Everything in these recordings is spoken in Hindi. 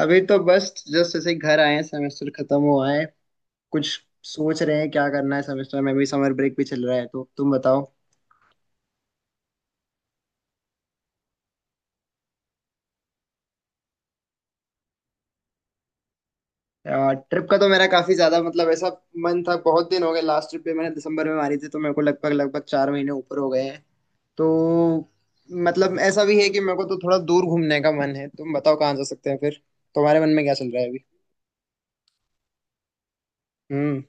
अभी तो बस जस्ट ऐसे ही घर आए हैं। सेमेस्टर खत्म हुआ है। कुछ सोच रहे हैं क्या करना है। सेमेस्टर में भी, समर ब्रेक भी चल रहा है, तो तुम बताओ। ट्रिप का तो मेरा काफी ज्यादा, मतलब, ऐसा मन था, बहुत दिन हो गए। लास्ट ट्रिप पे मैंने दिसंबर में मारी थी, तो मेरे को लगभग लगभग 4 महीने ऊपर हो गए हैं। तो मतलब ऐसा भी है कि मेरे को तो थोड़ा दूर घूमने का मन है। तुम बताओ कहाँ जा सकते हैं फिर, तुम्हारे मन में क्या चल रहा है? अभी।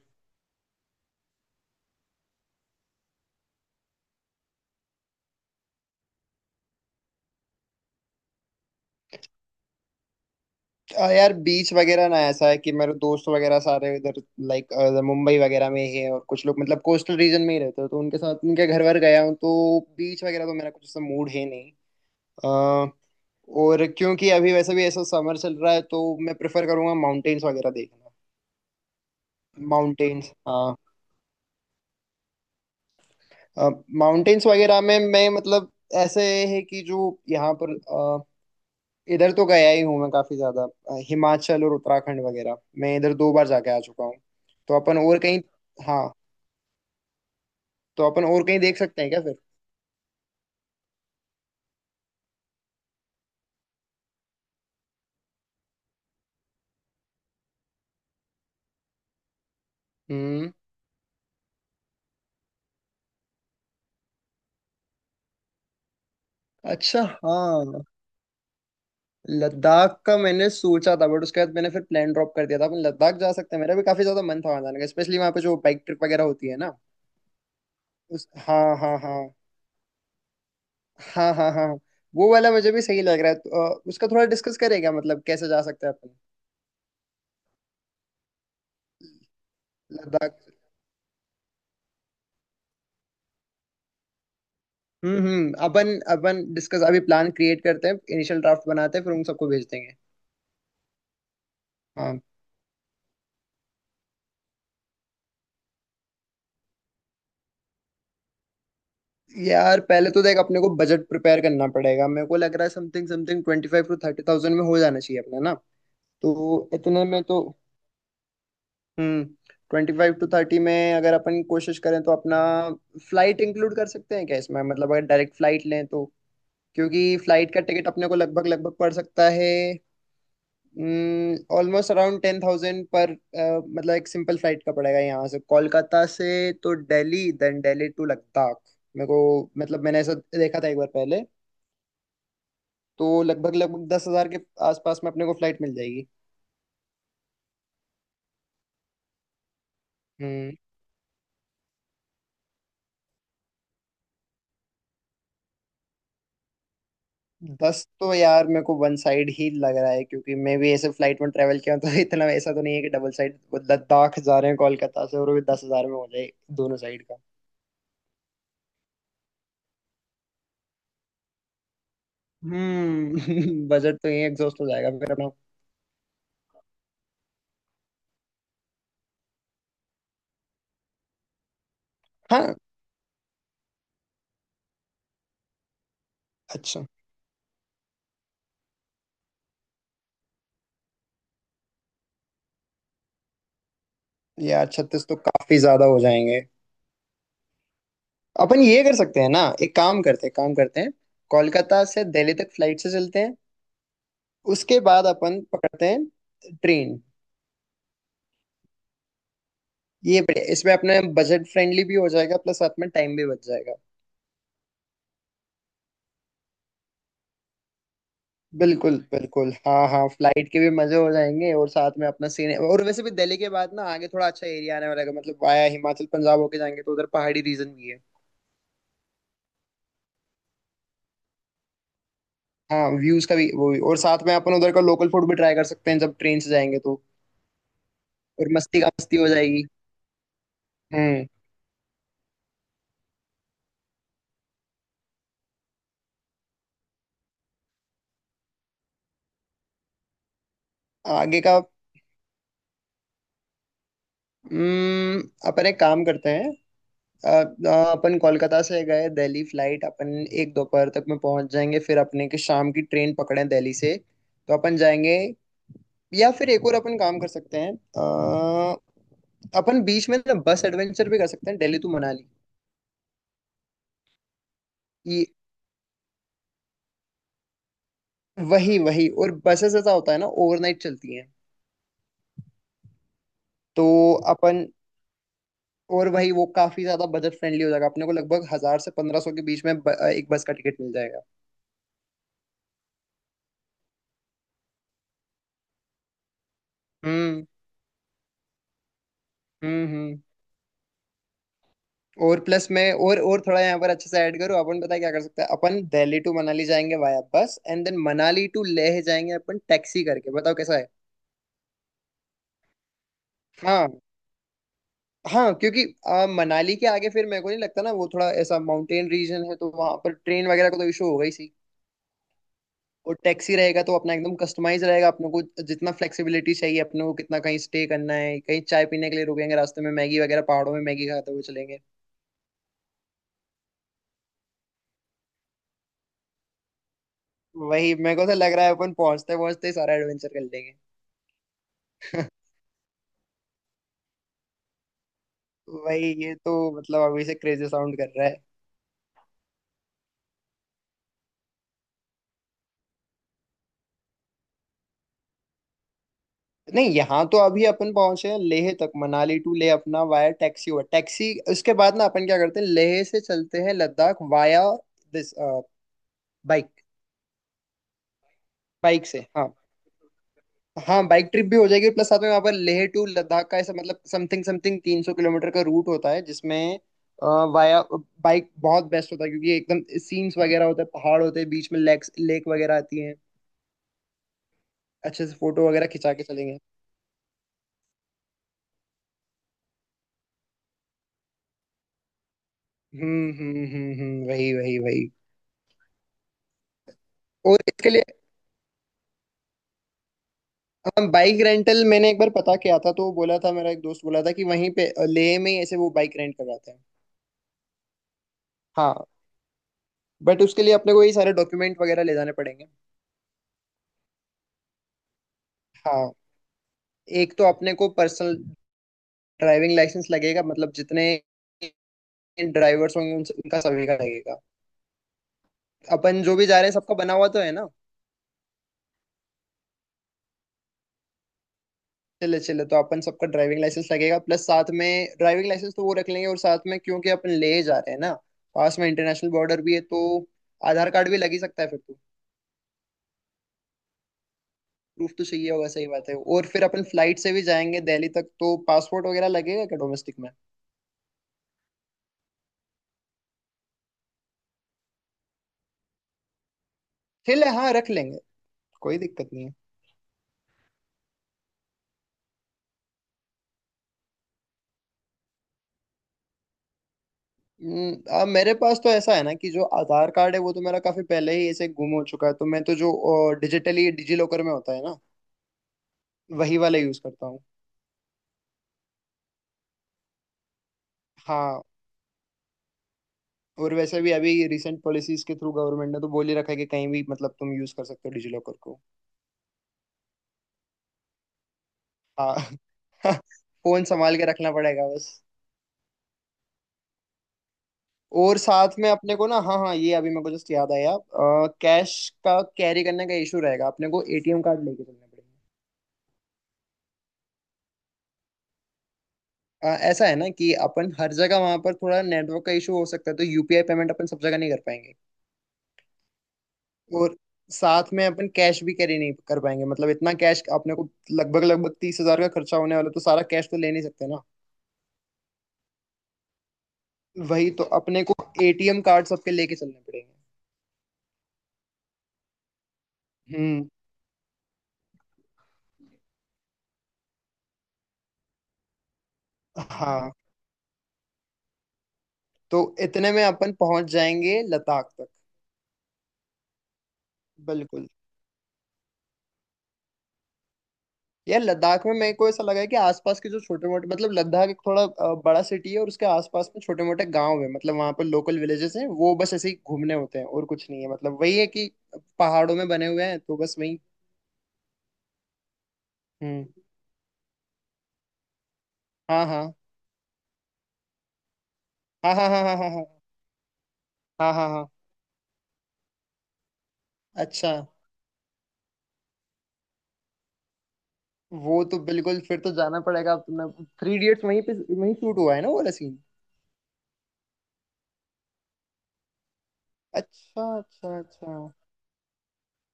यार, बीच वगैरह ना, ऐसा है कि मेरे दोस्त वगैरह सारे इधर, लाइक, मुंबई वगैरह में ही है, और कुछ लोग, मतलब, कोस्टल रीजन में ही रहते हो तो उनके साथ उनके घर वर गया हूँ। तो बीच वगैरह तो मेरा कुछ ऐसा मूड है नहीं। आ, और क्योंकि अभी वैसे भी ऐसा समर चल रहा है, तो मैं प्रेफर करूंगा माउंटेन्स वगैरह देखना। माउंटेन्स, हाँ। माउंटेन्स वगैरह में मैं, मतलब, ऐसे है कि जो यहाँ पर इधर तो गया ही हूँ। मैं काफी ज्यादा हिमाचल और उत्तराखंड वगैरह, मैं इधर 2 बार जाके आ चुका हूँ। तो अपन और कहीं। हाँ। तो अपन और कहीं देख सकते हैं क्या फिर? हम्म। अच्छा, हाँ। लद्दाख का मैंने सोचा था बट उसके बाद मैंने फिर प्लान ड्रॉप कर दिया था। अपन लद्दाख जा सकते हैं, मेरा भी काफी ज्यादा मन था वहाँ जाने का, स्पेशली वहाँ पे जो बाइक ट्रिप वगैरह होती है ना। उस, हाँ हाँ हाँ, हाँ हाँ हाँ। वो वाला मुझे भी सही लग रहा है, तो, उसका थोड़ा डिस्कस करेगा मतलब कैसे जा सकते हैं अपन। लद्दाख। हम्म, अपन। अपन डिस्कस, अभी प्लान क्रिएट करते हैं, इनिशियल ड्राफ्ट बनाते हैं, फिर उन सबको भेज देंगे। हाँ। यार पहले तो देख, अपने को बजट प्रिपेयर करना पड़ेगा। मेरे को लग रहा है समथिंग समथिंग 25,000 to 30,000 में हो जाना चाहिए अपना, ना। तो इतने में तो। हम्म। 25 to 30 में अगर अपन कोशिश करें तो अपना फ्लाइट इंक्लूड कर सकते हैं क्या इसमें? मतलब अगर डायरेक्ट फ्लाइट लें तो? क्योंकि फ्लाइट का टिकट अपने को लगभग लगभग पड़ सकता है ऑलमोस्ट अराउंड 10,000 पर, मतलब एक सिंपल फ्लाइट का, पड़ेगा यहाँ से कोलकाता से तो दिल्ली, देन दिल्ली टू लद्दाख। मेरे को, मतलब, मैंने ऐसा देखा था एक बार पहले। तो लगभग लगभग 10,000 के आसपास में अपने को फ्लाइट मिल जाएगी। हम्म। दस तो यार मेरे को वन साइड ही लग रहा है, क्योंकि मैं भी ऐसे फ्लाइट में ट्रेवल किया हूं, तो इतना ऐसा तो नहीं है कि डबल साइड लद्दाख जा रहे हैं कोलकाता से, और वो भी 10,000 में हो जाए दोनों साइड का। हम्म। बजट तो यही एग्जॉस्ट हो जाएगा फिर अपना। हाँ, अच्छा। यार 36 तो काफी ज्यादा हो जाएंगे। अपन ये कर सकते हैं ना, एक काम करते हैं कोलकाता से दिल्ली तक फ्लाइट से चलते हैं, उसके बाद अपन पकड़ते हैं ट्रेन। ये बढ़िया, इसमें अपने बजट फ्रेंडली भी हो जाएगा, प्लस साथ में टाइम भी बच जाएगा। बिल्कुल बिल्कुल, हाँ हाँ। फ्लाइट के भी मजे हो जाएंगे, और साथ में अपना सीन। और वैसे भी दिल्ली के बाद ना, आगे थोड़ा अच्छा एरिया आने वाला है, मतलब वाया हिमाचल पंजाब होके जाएंगे तो उधर पहाड़ी रीजन भी है। हाँ, व्यूज का भी, वो भी, और साथ में अपन उधर का लोकल फूड भी ट्राई कर सकते हैं जब ट्रेन से जाएंगे तो। और मस्ती का मस्ती हो जाएगी। हम्म। आगे का। हम्म। अपन एक काम करते हैं, अ, अपन कोलकाता से गए दिल्ली फ्लाइट, अपन एक दोपहर तक में पहुंच जाएंगे, फिर अपने की शाम की ट्रेन पकड़े दिल्ली से, तो अपन जाएंगे। या फिर एक और अपन काम कर सकते हैं, अपन बीच में ना बस एडवेंचर भी कर सकते हैं, दिल्ली टू मनाली। ये, वही वही। और बसेस ऐसा होता है ना, ओवरनाइट चलती हैं तो अपन। और वही, वो काफी ज्यादा बजट फ्रेंडली हो जाएगा, अपने को लगभग 1000 से 1500 के बीच में एक बस का टिकट मिल जाएगा। हम्म हम्म। और प्लस, मैं और थोड़ा यहाँ पर अच्छे से ऐड करूँ, अपन पता है क्या कर सकते हैं? अपन दिल्ली टू मनाली जाएंगे via bus, and then Manali to Leh जाएंगे अपन टैक्सी करके, बताओ कैसा है? हाँ हाँ। क्योंकि मनाली के आगे फिर मेरे को नहीं लगता ना, वो थोड़ा ऐसा माउंटेन रीजन है तो वहां पर ट्रेन वगैरह का तो इशू होगा ही। और टैक्सी रहेगा तो अपना एकदम कस्टमाइज रहेगा अपने को, जितना फ्लेक्सिबिलिटी चाहिए अपने को, कितना कहीं स्टे करना है, कहीं चाय पीने के लिए रुकेंगे रास्ते में, मैगी वगैरह, पहाड़ों में मैगी खाते हुए चलेंगे। वही, मेरे को तो लग रहा है अपन पहुंचते पहुंचते ही सारा एडवेंचर कर लेंगे। वही, ये तो, मतलब, अभी से क्रेजी साउंड कर रहा है। नहीं, यहाँ तो अभी अपन पहुंचे हैं लेह तक, मनाली टू लेह अपना वाया टैक्सी हुआ टैक्सी, उसके बाद ना अपन क्या करते हैं, लेह से चलते हैं Ladakh via this bike. Bike से, हाँ, हाँ बाइक ट्रिप भी हो जाएगी, प्लस साथ में वहाँ पर लेह टू लद्दाख का ऐसा, मतलब समथिंग समथिंग 300 किलोमीटर का रूट होता है, जिसमें वाया बाइक बहुत बेस्ट होता है, क्योंकि एकदम सीन्स वगैरह होते हैं, पहाड़ होते हैं, बीच में लेक्स लेक वगैरह आती हैं, अच्छे से फोटो वगैरह खिंचा के चलेंगे। वही वही वही। और इसके लिए हम बाइक रेंटल, मैंने एक बार पता किया था, तो वो बोला था, मेरा एक दोस्त बोला था कि वहीं पे लेह में ही ऐसे वो बाइक रेंट करवाते हैं। हाँ, बट उसके लिए अपने को ये सारे डॉक्यूमेंट वगैरह ले जाने पड़ेंगे। हाँ, एक तो अपने को पर्सनल ड्राइविंग लाइसेंस लगेगा, मतलब जितने ड्राइवर्स होंगे उनका सभी का लगेगा। अपन जो भी जा रहे हैं सबका बना हुआ तो है ना? चले चले, तो अपन सबका ड्राइविंग लाइसेंस लगेगा, प्लस साथ में ड्राइविंग लाइसेंस तो वो रख लेंगे, और साथ में क्योंकि अपन ले जा रहे हैं ना, पास में इंटरनेशनल बॉर्डर भी है तो आधार कार्ड भी लग ही सकता है फिर तो। प्रूफ तो चाहिए होगा, सही बात है। और फिर अपन फ्लाइट से भी जाएंगे दिल्ली तक तो पासपोर्ट वगैरह लगेगा क्या डोमेस्टिक में? ठीक है, हाँ, रख लेंगे, कोई दिक्कत नहीं है। मेरे पास तो ऐसा है ना कि जो आधार कार्ड है वो तो मेरा काफी पहले ही ऐसे गुम हो चुका है, तो मैं तो जो डिजिटली डिजी लॉकर में होता है ना, वही वाला यूज करता हूँ। हाँ, और वैसे भी अभी रिसेंट पॉलिसीज के थ्रू गवर्नमेंट ने तो बोल ही रखा है कि कहीं भी, मतलब, तुम यूज कर सकते हो डिजी लॉकर को। हाँ। फोन संभाल के रखना पड़ेगा बस। और साथ में अपने को ना, हाँ हाँ, ये अभी मेरे को जस्ट याद आया, कैश का कैरी करने का इशू रहेगा, अपने को एटीएम कार्ड लेके चलना पड़ेगा। ऐसा है ना कि अपन हर जगह वहां पर थोड़ा नेटवर्क का इशू हो सकता है, तो यूपीआई पेमेंट अपन सब जगह नहीं कर पाएंगे। और साथ में अपन कैश भी कैरी नहीं कर पाएंगे, मतलब इतना कैश, अपने को लगभग लगभग 30,000 का खर्चा होने वाला है, तो सारा कैश तो ले नहीं सकते ना। वही, तो अपने को एटीएम कार्ड सबके लेके चलने पड़ेंगे। हम्म। हाँ, तो इतने में अपन पहुंच जाएंगे लद्दाख तक। बिल्कुल। यार लद्दाख में मेरे को ऐसा लगा है कि आसपास के जो छोटे मोटे, मतलब लद्दाख एक थोड़ा बड़ा सिटी है, और उसके आसपास में छोटे मोटे गांव है, मतलब वहां पर लोकल विलेजेस हैं, वो बस ऐसे ही घूमने होते हैं और कुछ नहीं है, मतलब वही है कि पहाड़ों में बने हुए हैं, तो बस वही। हम्म, हाँ हाँ हाँ, हाँ हाँ हाँ, हाँ हाँ हाँ, हाँ हाँ। अच्छा। वो तो बिल्कुल फिर तो जाना पड़ेगा, अब तुमने थ्री इडियट्स, वहीं पे, वहीं शूट हुआ है ना वो वाला scene? अच्छा, अच्छा, अच्छा।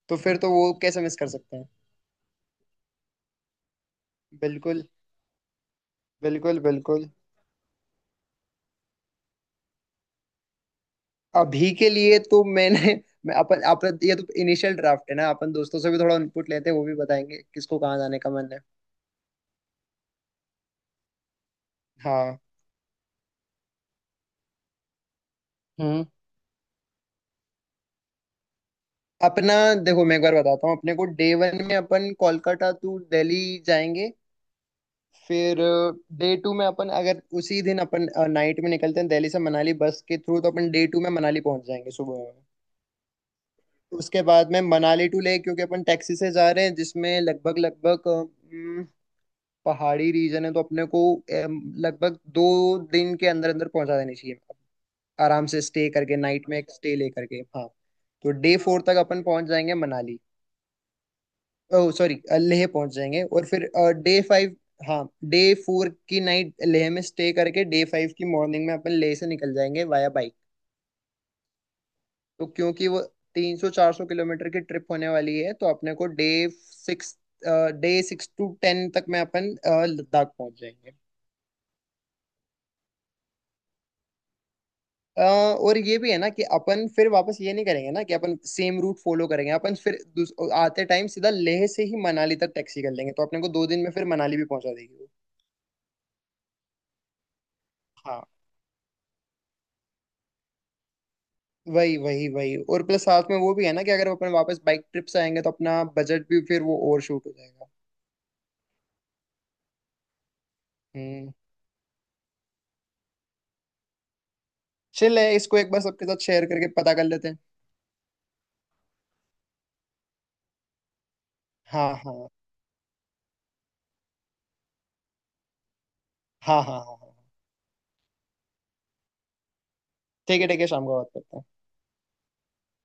तो फिर तो वो कैसे मिस कर सकते हैं? बिल्कुल, बिल्कुल, बिल्कुल। अभी के लिए तो मैंने, मैं अपन अपन ये तो इनिशियल ड्राफ्ट है ना, अपन दोस्तों से भी थोड़ा इनपुट लेते हैं, वो भी बताएंगे किसको कहाँ जाने का मन है। हाँ। हम्म अपना, देखो मैं एक बार बताता हूँ, अपने को Day 1 में अपन कोलकाता टू दिल्ली जाएंगे। फिर Day 2 में अपन, अगर उसी दिन अपन नाइट में निकलते हैं दिल्ली से मनाली बस के थ्रू, तो अपन Day 2 में मनाली पहुंच जाएंगे सुबह में। उसके बाद में मनाली टू ले, क्योंकि अपन टैक्सी से जा रहे हैं, जिसमें लगभग लगभग पहाड़ी रीजन है, तो अपने को लगभग 2 दिन के अंदर अंदर पहुंचा देनी चाहिए, आराम से स्टे करके, नाइट में एक स्टे लेकर के, हाँ। तो Day 4 तक अपन पहुंच जाएंगे मनाली। ओह सॉरी, लेह पहुंच जाएंगे, और फिर Day 5, हाँ, Day 4 की नाइट लेह में स्टे करके Day 5 की मॉर्निंग में अपन लेह से निकल जाएंगे वाया बाइक। तो क्योंकि वो 300-400 किलोमीटर की ट्रिप होने वाली है, तो अपने को six day six to ten तक में अपन लद्दाख पहुंच जाएंगे। और ये भी है ना कि अपन फिर वापस ये नहीं करेंगे ना कि अपन सेम रूट फॉलो करेंगे। अपन फिर आते टाइम सीधा लेह से ही मनाली तक टैक्सी कर लेंगे, तो अपने को 2 दिन में फिर मनाली भी पहुंचा देगी वो। हाँ, वही वही वही, और प्लस साथ में वो भी है ना कि अगर अपन वापस बाइक ट्रिप से आएंगे तो अपना बजट भी फिर वो ओवर शूट हो जाएगा। हम्म। चल है, इसको एक बार सबके साथ शेयर करके पता कर लेते हैं। हाँ हाँ हाँ, हाँ हाँ हाँ। ठीक है, ठीक है, शाम को बात करते हैं।